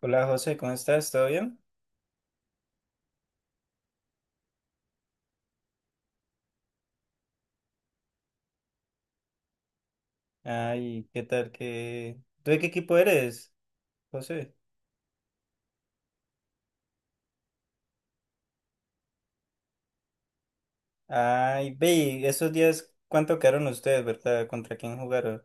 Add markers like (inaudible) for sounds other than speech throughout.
Hola José, ¿cómo estás? ¿Todo bien? Ay, ¿qué tal? ¿Qué... ¿Tú de qué equipo eres, José? Ay, ve, y esos días, ¿cuánto quedaron ustedes, verdad? ¿Contra quién jugaron?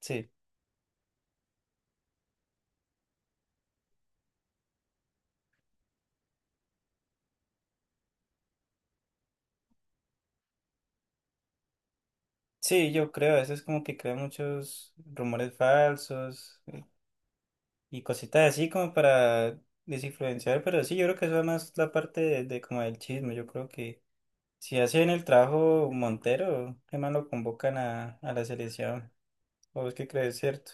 Sí, sí, yo creo, a veces como que crean muchos rumores falsos y cositas así como para desinfluenciar, pero sí, yo creo que eso es más la parte de como del chisme, yo creo que si hacen el trabajo Montero, qué más lo convocan a la selección, ¿o es que crees, cierto?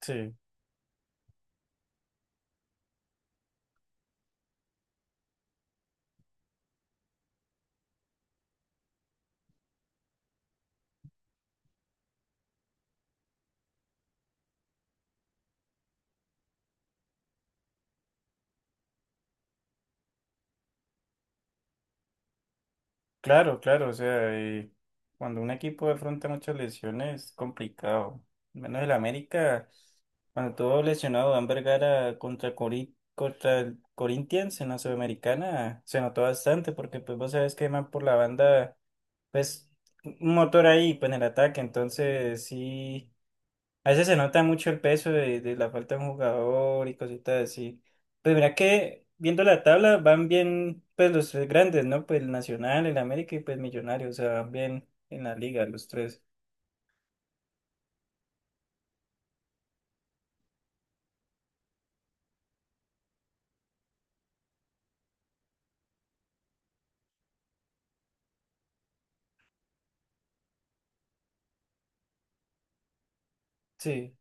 Sí. Claro, claro, o sea, cuando un equipo afronta muchas lesiones es complicado. Al menos el América, cuando todo lesionado, Dan Vergara contra, contra el Corinthians en la Sudamericana, se notó bastante porque pues vos sabes que más por la banda, pues un motor ahí, pues en el ataque, entonces sí. A veces se nota mucho el peso de la falta de un jugador y cositas así. Pues mira que viendo la tabla van bien pues los tres grandes, ¿no? Pues el Nacional, el América y pues Millonarios, o sea, van bien en la liga los tres. Sí,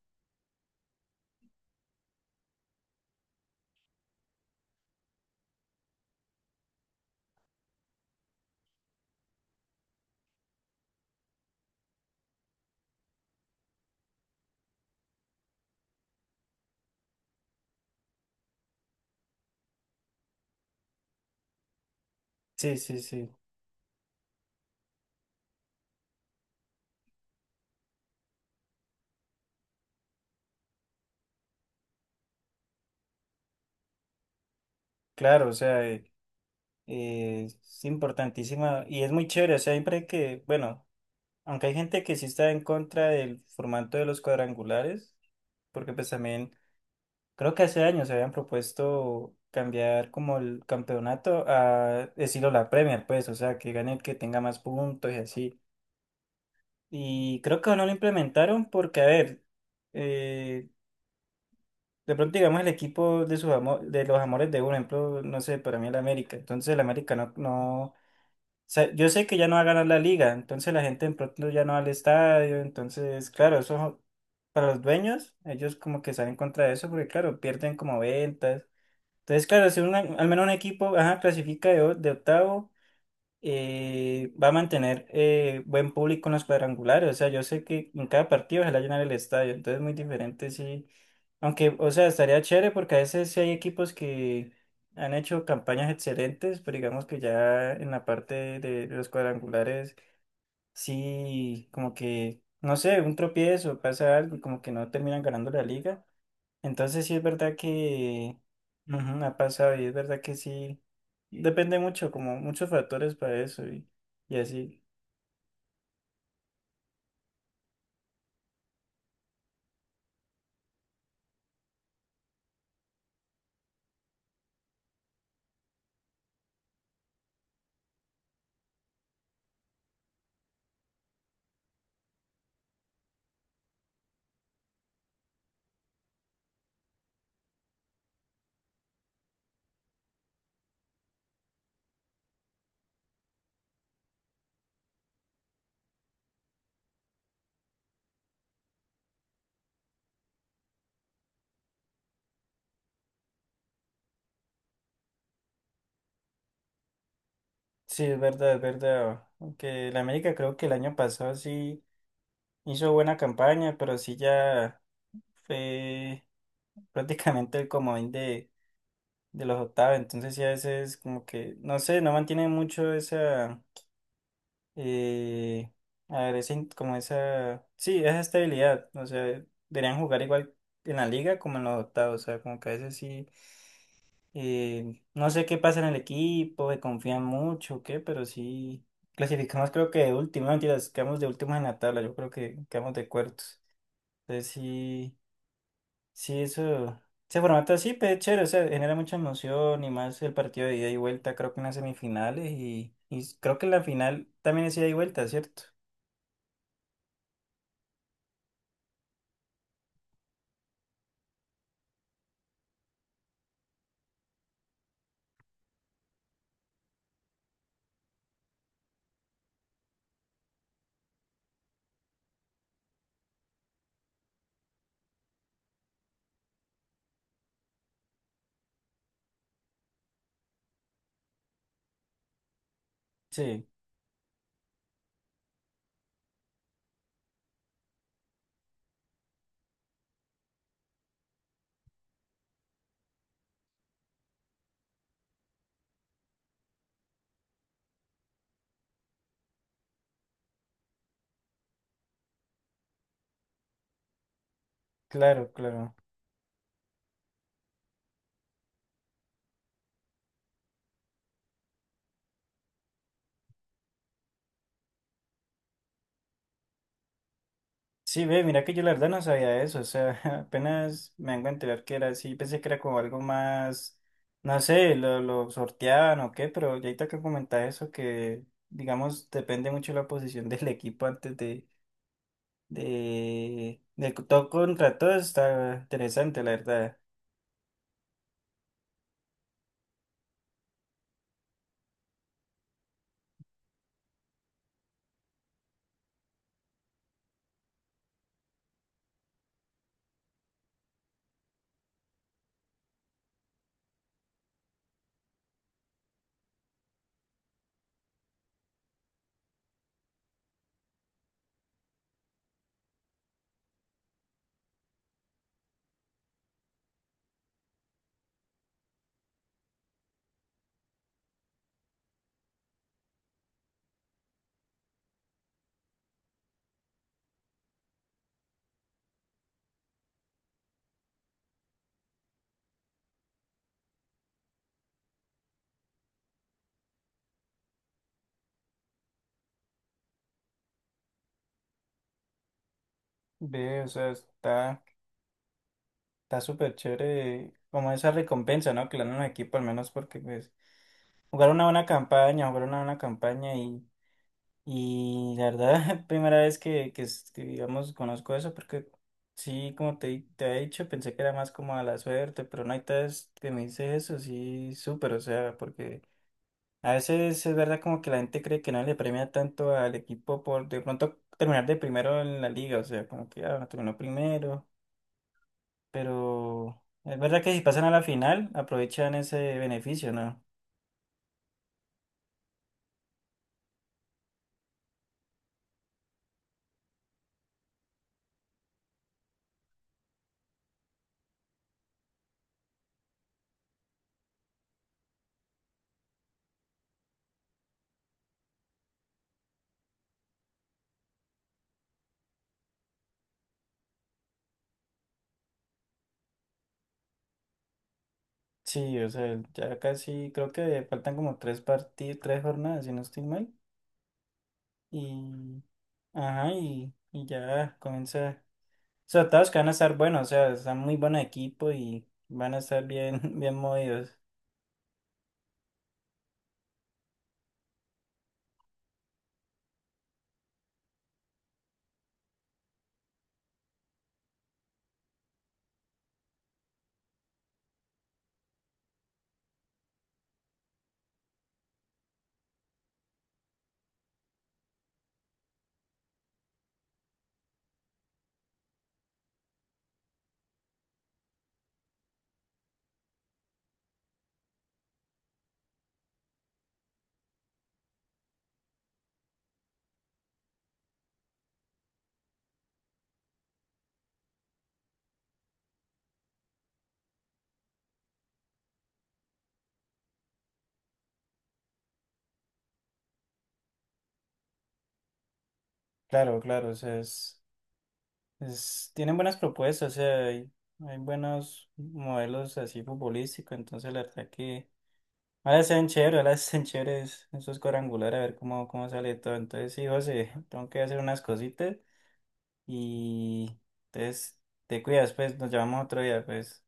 sí, sí, sí. Claro, o sea, es importantísima y es muy chévere, o sea, siempre que, bueno, aunque hay gente que sí está en contra del formato de los cuadrangulares, porque pues también creo que hace años se habían propuesto cambiar como el campeonato a estilo la Premier, pues, o sea, que gane el que tenga más puntos y así. Y creo que no lo implementaron porque, a ver, eh, de pronto digamos el equipo de de los amores de uno, por ejemplo, no sé, para mí el América. Entonces el América no, no, o sea, yo sé que ya no va a ganar la liga, entonces la gente de pronto ya no va al estadio, entonces, claro, eso para los dueños, ellos como que salen contra eso porque, claro, pierden como ventas. Entonces, claro, si un- al menos un equipo ajá, clasifica de octavo, va a mantener buen público en los cuadrangulares. O sea, yo sé que en cada partido se le va a llenar el estadio, entonces es muy diferente, sí. Aunque, o sea, estaría chévere porque a veces sí hay equipos que han hecho campañas excelentes, pero digamos que ya en la parte de los cuadrangulares, sí, como que, no sé, un tropiezo, pasa algo y como que no terminan ganando la liga. Entonces sí es verdad que ujú, ha pasado y es verdad que sí. Depende mucho, como muchos factores para eso y así. Sí, es verdad, es verdad. Aunque la América creo que el año pasado sí hizo buena campaña, pero sí ya fue (laughs) prácticamente el comodín de los octavos. Entonces sí a veces como que, no sé, no mantiene mucho esa... Y a ver, como esa. Sí, esa estabilidad. O sea, deberían jugar igual en la liga como en los octavos. O sea, como que a veces sí. No sé qué pasa en el equipo, que confían mucho o qué, pero sí. Clasificamos, creo que de último, no, mentiras, quedamos de últimos en la tabla. Yo creo que quedamos de cuartos. Entonces sí, sí, eso. Ese formato así, pero es chévere, o sea, genera mucha emoción y más el partido de ida y vuelta, creo que en las semifinales y creo que en la final también es ida y vuelta, ¿cierto? Sí. Claro, claro. Sí, ve, mira que yo la verdad no sabía eso, o sea, (laughs) apenas me vengo a enterar que era así, pensé que era como algo más, no sé, lo sorteaban o qué, pero ya ahorita que comentás eso, que digamos, depende mucho la posición (laughs) del equipo antes del todo contra todo, está interesante, la verdad. Ve, o sea, está súper chévere, como esa recompensa, ¿no? Que le dan a un equipo, al menos porque, pues, jugar una buena campaña, jugar una buena campaña y la verdad, (laughs) es primera vez que, digamos, conozco eso, porque sí, como te, te he dicho, pensé que era más como a la suerte, pero no hay vez que me dice eso, sí, súper, o sea, porque a veces es verdad como que la gente cree que no le premia tanto al equipo por de pronto terminar de primero en la liga, o sea, como que ah, terminó primero, pero es verdad que si pasan a la final, aprovechan ese beneficio, ¿no? Sí, o sea, ya casi creo que faltan como tres partidos, tres jornadas, si no estoy mal. Y, ajá, y ya comienza. O sea, todos que van a estar buenos, o sea, están muy buen equipo y van a estar bien, (laughs) bien movidos. Claro, claro, o sea, tienen buenas propuestas, o sea, hay buenos modelos así futbolísticos, entonces la verdad que ahora sean chéveres, ahora (laughs) sean chéveres esos cuadrangulares, a ver cómo, cómo sale todo. Entonces, sí, José, (laughs) tengo que hacer unas cositas y entonces te cuidas, pues nos llamamos otro día, pues.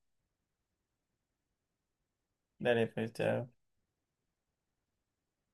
Dale, pues, chao.